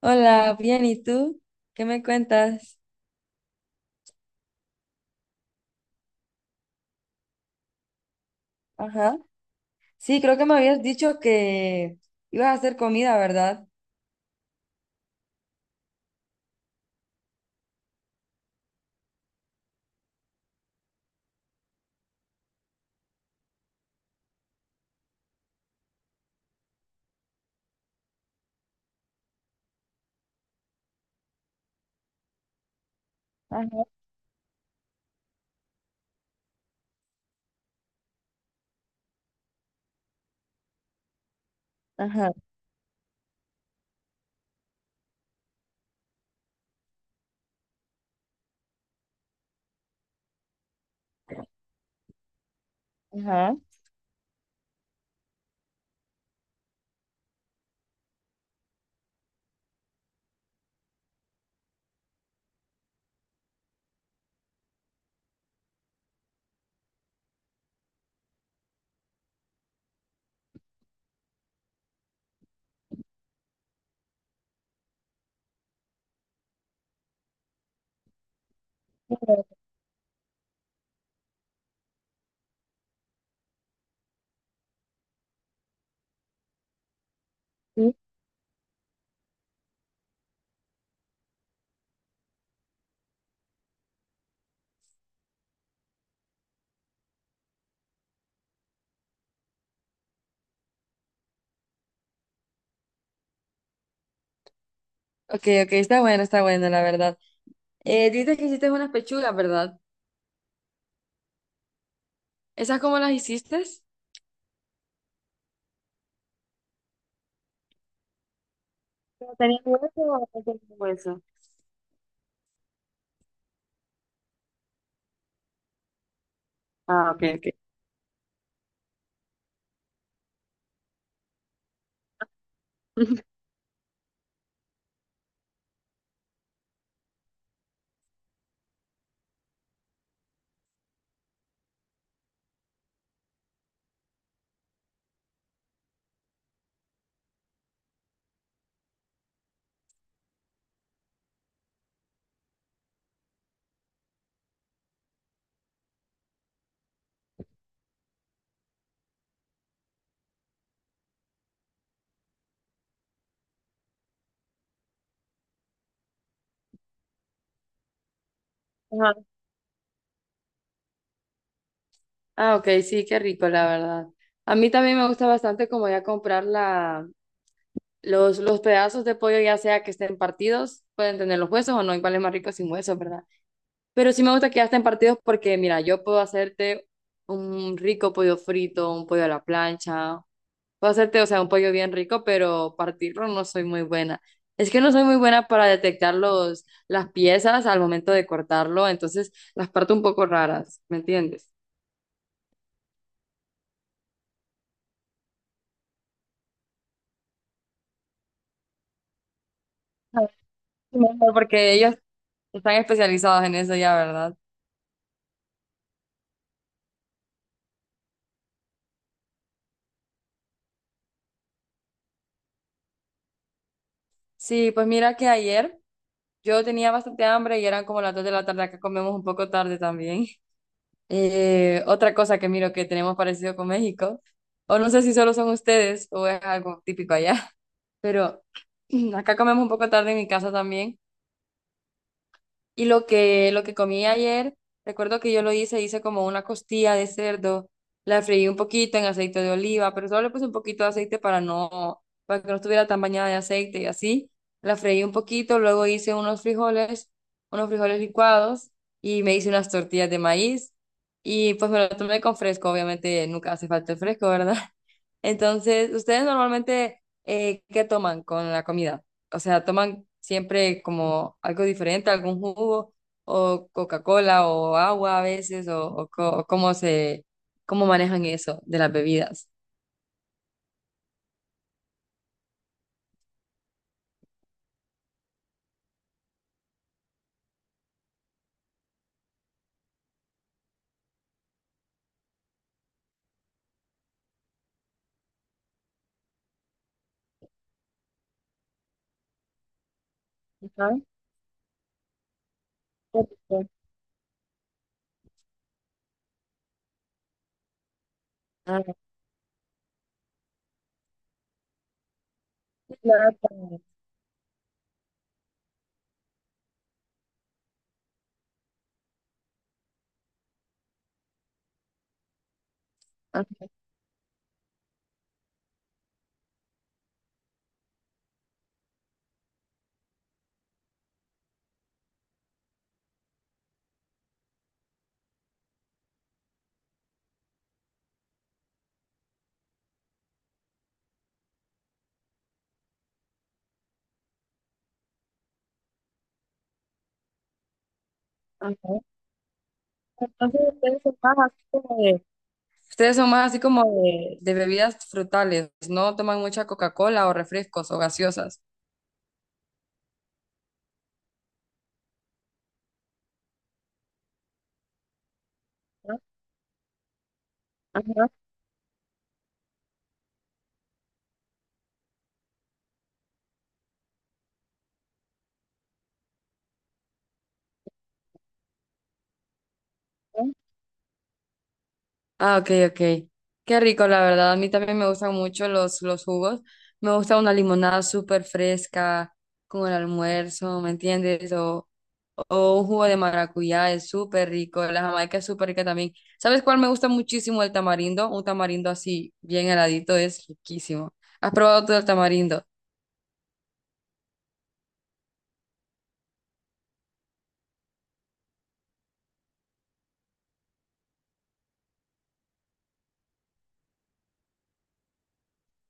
Hola, bien, ¿y tú? ¿Qué me cuentas? Ajá. Sí, creo que me habías dicho que ibas a hacer comida, ¿verdad? Ajá, ajá, ajá. Sí. Ok, ok, está bueno, la verdad. Dices que hiciste unas pechugas, ¿verdad? ¿Esas cómo las hiciste? ¿Pero tenía hueso o no tenía hueso? Ah, ok, ok. Ajá. Ah, ok, sí, qué rico, la verdad. A mí también me gusta bastante como ya comprar los pedazos de pollo, ya sea que estén partidos, pueden tener los huesos o no, igual es más rico sin huesos, ¿verdad? Pero sí me gusta que ya estén partidos porque, mira, yo puedo hacerte un rico pollo frito, un pollo a la plancha, puedo hacerte, o sea, un pollo bien rico, pero partirlo no soy muy buena. Es que no soy muy buena para detectar las piezas al momento de cortarlo, entonces las parto un poco raras, ¿me entiendes? Ah, sí, mejor, porque ellos están especializados en eso ya, ¿verdad? Sí, pues mira que ayer yo tenía bastante hambre y eran como las 2 de la tarde, acá comemos un poco tarde también. Otra cosa que miro que tenemos parecido con México, o no sé si solo son ustedes o es algo típico allá, pero acá comemos un poco tarde en mi casa también y lo que comí ayer, recuerdo que hice como una costilla de cerdo, la freí un poquito en aceite de oliva, pero solo le puse un poquito de aceite para para que no estuviera tan bañada de aceite y así. La freí un poquito, luego hice unos frijoles licuados y me hice unas tortillas de maíz y pues me lo tomé con fresco, obviamente nunca hace falta el fresco, ¿verdad? Entonces, ¿ustedes normalmente qué toman con la comida? O sea, ¿toman siempre como algo diferente, algún jugo o Coca-Cola o agua a veces o cómo cómo manejan eso de las bebidas? Ajá. Ah, claro. Ajá. Entonces ustedes son más así ustedes son más así como de bebidas frutales, no toman mucha Coca-Cola o refrescos o gaseosas. ¿No? Ajá, sí. Ah, ok, ok. Qué rico, la verdad. A mí también me gustan mucho los jugos. Me gusta una limonada súper fresca con el almuerzo, ¿me entiendes? O un jugo de maracuyá es súper rico. La jamaica es súper rica también. ¿Sabes cuál me gusta muchísimo? El tamarindo. Un tamarindo así, bien heladito, es riquísimo. ¿Has probado tú el tamarindo?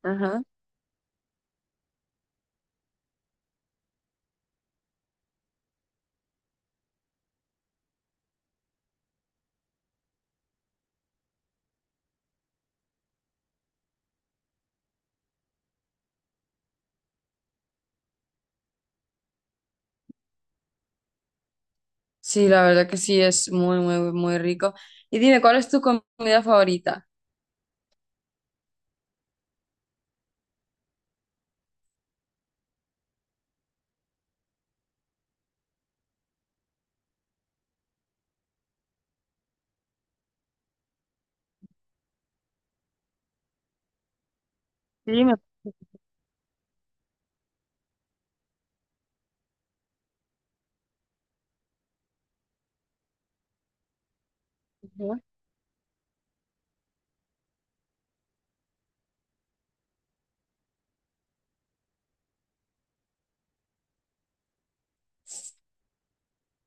Ajá. Sí, la verdad que sí, es muy, muy, muy rico. Y dime, ¿cuál es tu comida favorita? Sí, me parece.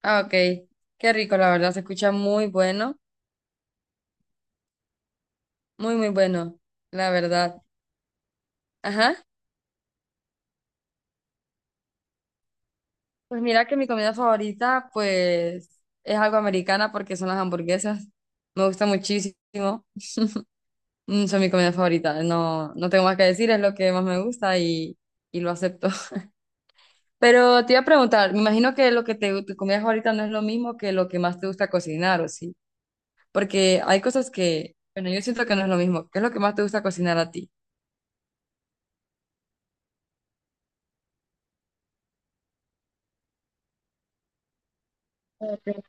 Ah, ok. Qué rico, la verdad. Se escucha muy bueno. Muy, muy bueno, la verdad. Ajá. Pues mira que mi comida favorita, pues, es algo americana porque son las hamburguesas. Me gusta muchísimo. Mm, son mi comida favorita. No tengo más que decir, es lo que más me gusta y lo acepto. Pero te iba a preguntar, me imagino que lo que te comías ahorita no es lo mismo que lo que más te gusta cocinar, ¿o sí? Porque hay cosas que, bueno, yo siento que no es lo mismo. ¿Qué es lo que más te gusta cocinar a ti? Eh, pero,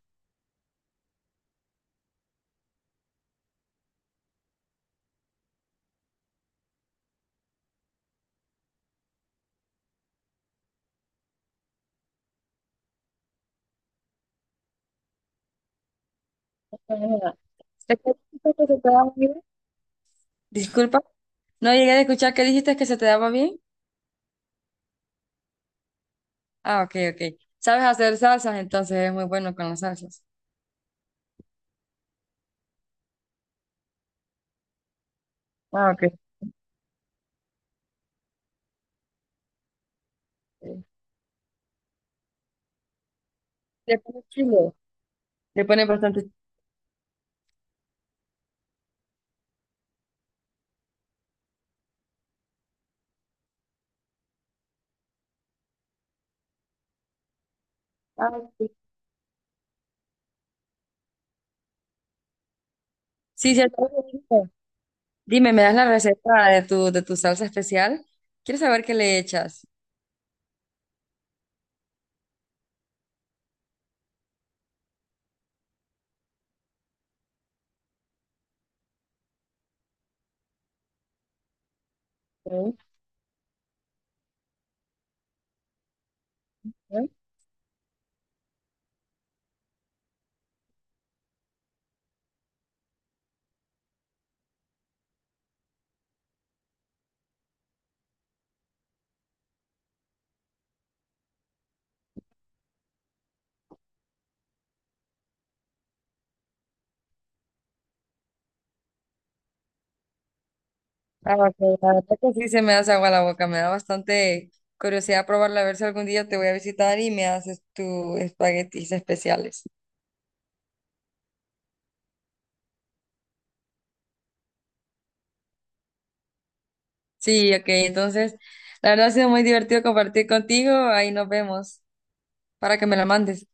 eh, ¿Te acuerdas que se te daba muy bien? Disculpa, no llegué a escuchar que dijiste que se te daba bien. Ah, ok, ok. ¿Sabes hacer salsas? Entonces es muy bueno con las salsas. Ah, ok. Le pones chile. Le pones bastante. Ah, sí. Sí, cierto. Dime, ¿me das la receta de de tu salsa especial? Quiero saber qué le echas. Sí, sí. Ah, ok, la verdad que sí se me hace agua la boca, me da bastante curiosidad probarla, a ver si algún día te voy a visitar y me haces tus espaguetis especiales. Sí, ok, entonces, la verdad ha sido muy divertido compartir contigo, ahí nos vemos para que me la mandes.